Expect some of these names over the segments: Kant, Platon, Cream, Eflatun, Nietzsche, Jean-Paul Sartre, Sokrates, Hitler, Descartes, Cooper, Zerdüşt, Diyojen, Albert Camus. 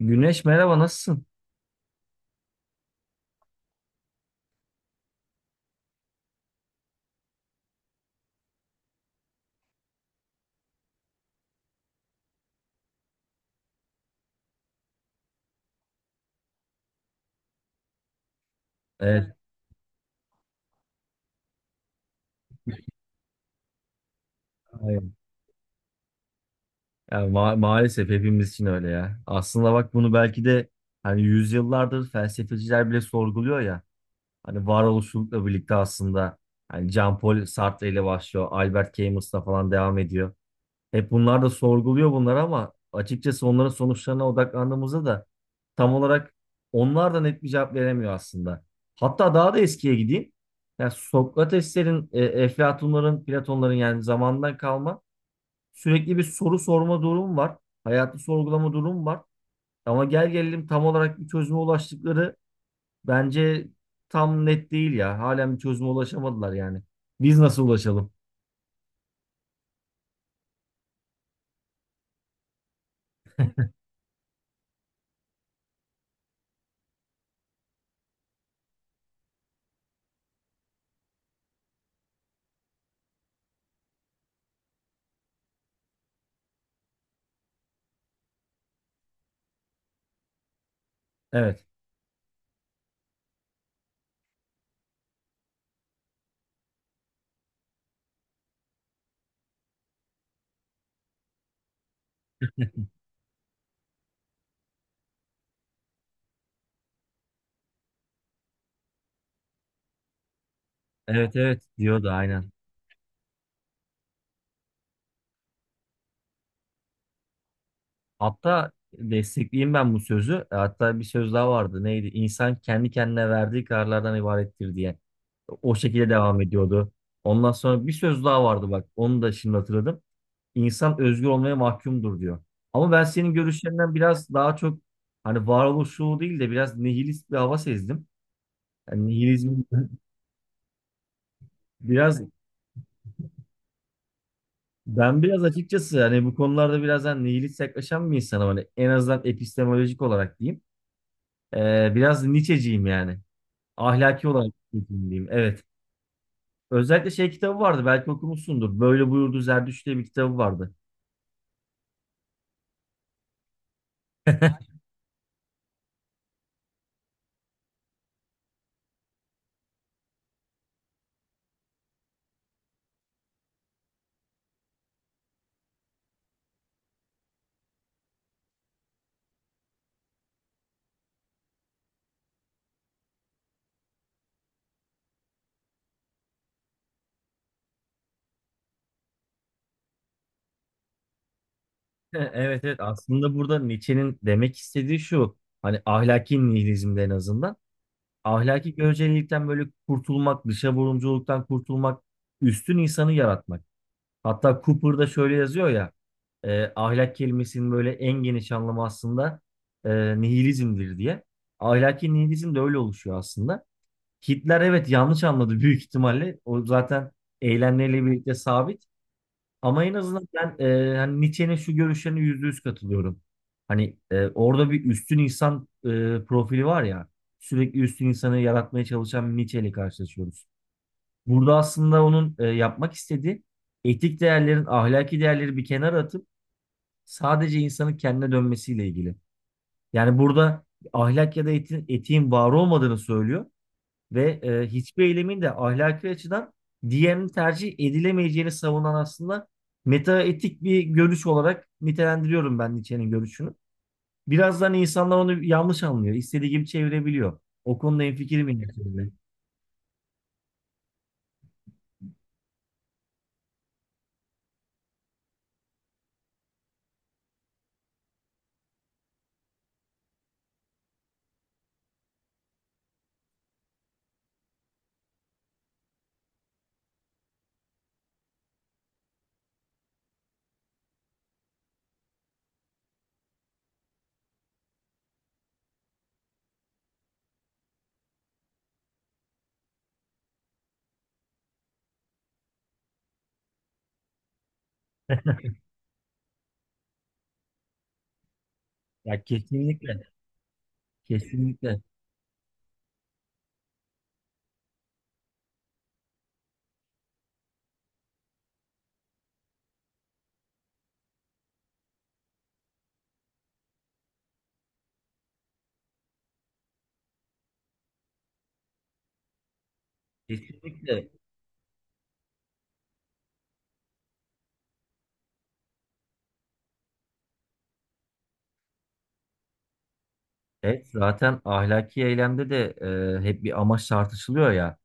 Güneş, merhaba, nasılsın? Evet. Hayır. Aynen. Ya maalesef hepimiz için öyle ya. Aslında bak, bunu belki de hani yüzyıllardır felsefeciler bile sorguluyor ya. Hani varoluşçulukla birlikte aslında hani Jean-Paul Sartre ile başlıyor. Albert Camus'la falan devam ediyor. Hep bunlar da sorguluyor bunlar, ama açıkçası onların sonuçlarına odaklandığımızda da tam olarak onlar da net bir cevap veremiyor aslında. Hatta daha da eskiye gideyim. Yani Sokrateslerin, Eflatunların, Platonların, yani zamandan kalma sürekli bir soru sorma durum var. Hayatı sorgulama durum var. Ama gel gelelim, tam olarak bir çözüme ulaştıkları, bence tam net değil ya. Halen bir çözüme ulaşamadılar yani. Biz nasıl ulaşalım? Evet. Evet, evet, diyordu, aynen. Hatta destekleyeyim ben bu sözü. Hatta bir söz daha vardı. Neydi? İnsan kendi kendine verdiği kararlardan ibarettir diye. O şekilde devam ediyordu. Ondan sonra bir söz daha vardı bak. Onu da şimdi hatırladım. İnsan özgür olmaya mahkumdur diyor. Ama ben senin görüşlerinden biraz daha çok hani varoluşçu değil de biraz nihilist bir hava sezdim. Yani nihilizm biraz, ben biraz açıkçası hani bu konularda biraz hani nihilist yaklaşan bir insanım. Hani en azından epistemolojik olarak diyeyim. Biraz Nietzsche'ciyim yani. Ahlaki olarak Nietzsche'ciyim diyeyim. Evet. Özellikle şey kitabı vardı, belki okumuşsundur. Böyle Buyurdu Zerdüşt diye bir kitabı vardı. Evet, evet, aslında burada Nietzsche'nin demek istediği şu. Hani ahlaki nihilizmde en azından ahlaki görecelilikten böyle kurtulmak, dışa vurumculuktan kurtulmak, üstün insanı yaratmak. Hatta Cooper'da şöyle yazıyor ya, ahlak kelimesinin böyle en geniş anlamı aslında nihilizmdir diye. Ahlaki nihilizm de öyle oluşuyor aslında. Hitler evet yanlış anladı büyük ihtimalle. O zaten eylemleriyle birlikte sabit. Ama en azından ben hani Nietzsche'nin şu görüşlerine %100 katılıyorum. Hani orada bir üstün insan profili var ya, sürekli üstün insanı yaratmaya çalışan bir Nietzsche ile karşılaşıyoruz. Burada aslında onun yapmak istediği etik değerlerin, ahlaki değerleri bir kenara atıp sadece insanın kendine dönmesiyle ilgili. Yani burada ahlak ya da etin, etiğin var olmadığını söylüyor ve hiçbir eylemin de ahlaki açıdan diğerinin tercih edilemeyeceğini savunan aslında metaetik bir görüş olarak nitelendiriyorum ben Nietzsche'nin görüşünü. Birazdan insanlar onu yanlış anlıyor, istediği gibi çevirebiliyor. O konuda hemfikirim yine. Ya kesinlikle, kesinlikle, kesinlikle. Evet, zaten ahlaki eylemde de hep bir amaç tartışılıyor ya.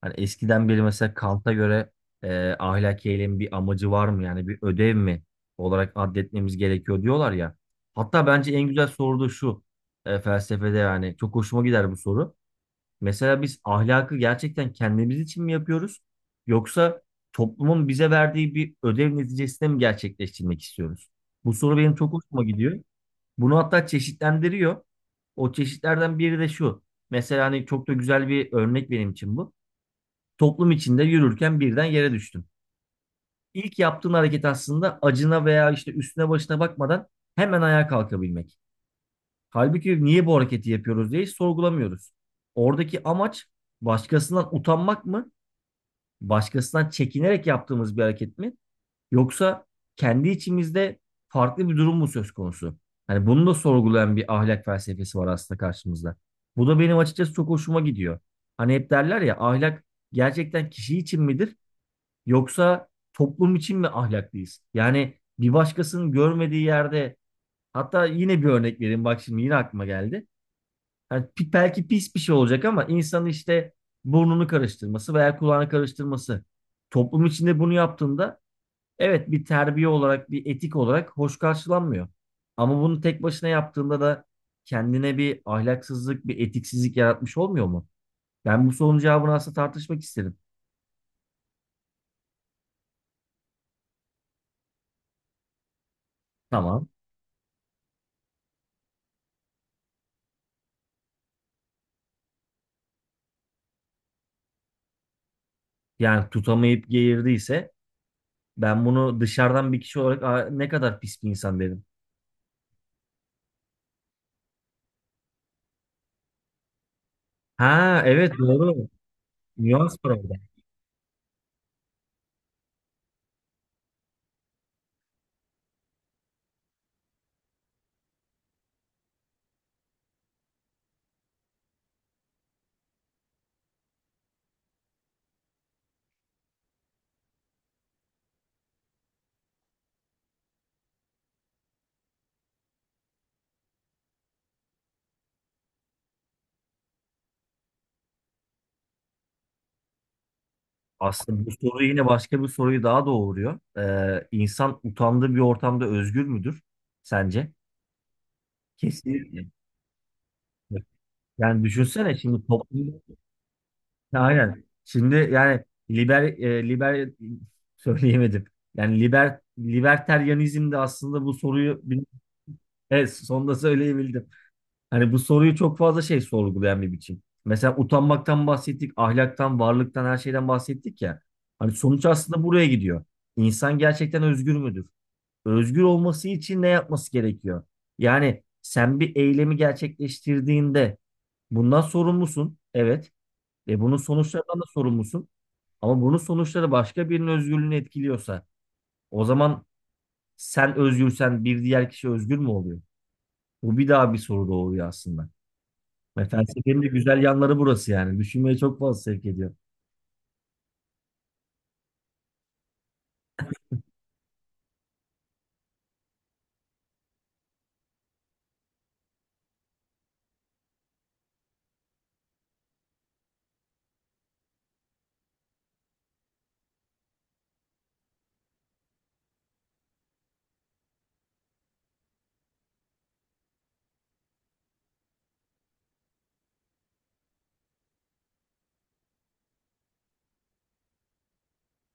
Hani eskiden beri mesela Kant'a göre ahlaki eylemin bir amacı var mı? Yani bir ödev mi olarak addetmemiz gerekiyor diyorlar ya. Hatta bence en güzel soru da şu, felsefede, yani çok hoşuma gider bu soru. Mesela biz ahlakı gerçekten kendimiz için mi yapıyoruz? Yoksa toplumun bize verdiği bir ödev neticesinde mi gerçekleştirmek istiyoruz? Bu soru benim çok hoşuma gidiyor. Bunu hatta çeşitlendiriyor. O çeşitlerden biri de şu. Mesela hani çok da güzel bir örnek benim için bu. Toplum içinde yürürken birden yere düştüm. İlk yaptığın hareket aslında acına veya işte üstüne başına bakmadan hemen ayağa kalkabilmek. Halbuki niye bu hareketi yapıyoruz diye hiç sorgulamıyoruz. Oradaki amaç başkasından utanmak mı? Başkasından çekinerek yaptığımız bir hareket mi? Yoksa kendi içimizde farklı bir durum mu söz konusu? Hani bunu da sorgulayan bir ahlak felsefesi var aslında karşımızda. Bu da benim açıkçası çok hoşuma gidiyor. Hani hep derler ya, ahlak gerçekten kişi için midir? Yoksa toplum için mi ahlaklıyız? Yani bir başkasının görmediği yerde, hatta yine bir örnek vereyim bak, şimdi yine aklıma geldi. Yani belki pis bir şey olacak ama insanın işte burnunu karıştırması veya kulağını karıştırması. Toplum içinde bunu yaptığında evet bir terbiye olarak, bir etik olarak hoş karşılanmıyor. Ama bunu tek başına yaptığında da kendine bir ahlaksızlık, bir etiksizlik yaratmış olmuyor mu? Ben bu sorunun cevabını aslında tartışmak isterim. Tamam. Yani tutamayıp geğirdiyse ben bunu dışarıdan bir kişi olarak, "Aa, ne kadar pis bir insan," dedim. Ha, evet, doğru. Nüans var orada. Aslında bu soru yine başka bir soruyu daha doğuruyor. İnsan utandığı bir ortamda özgür müdür sence? Kesinlikle. Yani düşünsene, şimdi toplum, aynen. Şimdi yani liber, söyleyemedim. Yani liberteryanizm de aslında bu soruyu, evet, sonunda söyleyebildim. Hani bu soruyu çok fazla şey sorgulayan bir biçim. Mesela utanmaktan bahsettik, ahlaktan, varlıktan, her şeyden bahsettik ya. Hani sonuç aslında buraya gidiyor. İnsan gerçekten özgür müdür? Özgür olması için ne yapması gerekiyor? Yani sen bir eylemi gerçekleştirdiğinde bundan sorumlusun. Evet. Ve bunun sonuçlarından da sorumlusun. Ama bunun sonuçları başka birinin özgürlüğünü etkiliyorsa, o zaman sen özgürsen bir diğer kişi özgür mü oluyor? Bu bir daha bir soru doğuruyor aslında. Ya, felsefenin de güzel yanları burası yani. Düşünmeye çok fazla sevk ediyor.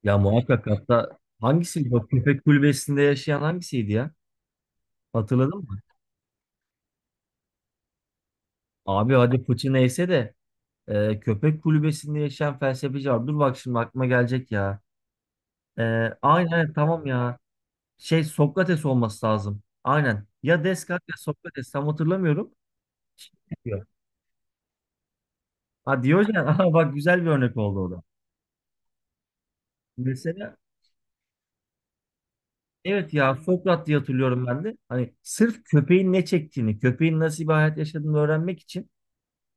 Ya muhakkak, hatta hangisiydi? Bak, köpek kulübesinde yaşayan hangisiydi ya? Hatırladın mı? Abi hadi fıçı neyse de köpek kulübesinde yaşayan felsefeci var. Dur bak, şimdi aklıma gelecek ya. E, aynen, evet, tamam ya. Şey, Sokrates olması lazım. Aynen. Ya Descartes ya Sokrates, tam hatırlamıyorum. Şey diyor. Ha, Diyojen. Aha bak, güzel bir örnek oldu o da. Mesela evet, ya Sokrat diye hatırlıyorum ben de. Hani sırf köpeğin ne çektiğini, köpeğin nasıl bir hayat yaşadığını öğrenmek için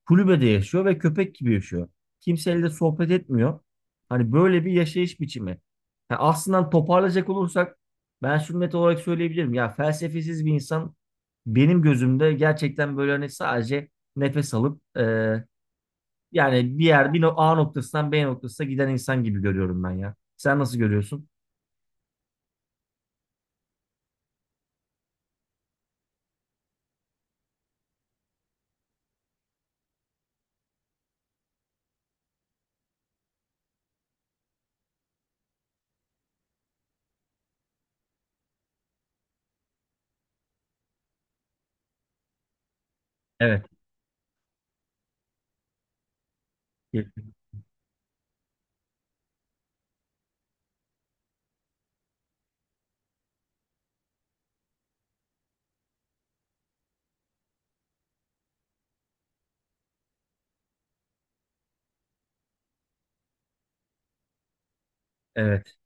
kulübede yaşıyor ve köpek gibi yaşıyor. Kimseyle de sohbet etmiyor. Hani böyle bir yaşayış biçimi. Ha, aslında hani toparlayacak olursak ben şunu net olarak söyleyebilirim. Ya felsefesiz bir insan benim gözümde gerçekten böyle hani sadece nefes alıp yani bir yer bir no- A noktasından B noktasına giden insan gibi görüyorum ben ya. Sen nasıl görüyorsun? Evet. Evet.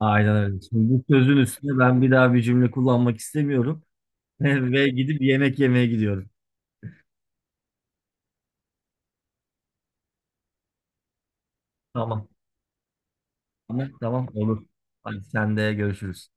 Aynen öyle. Şimdi bu sözün üstüne ben bir daha bir cümle kullanmak istemiyorum. Ve gidip yemek yemeye gidiyorum. Tamam. Tamam, tamam, olur. Hadi, sen de görüşürüz.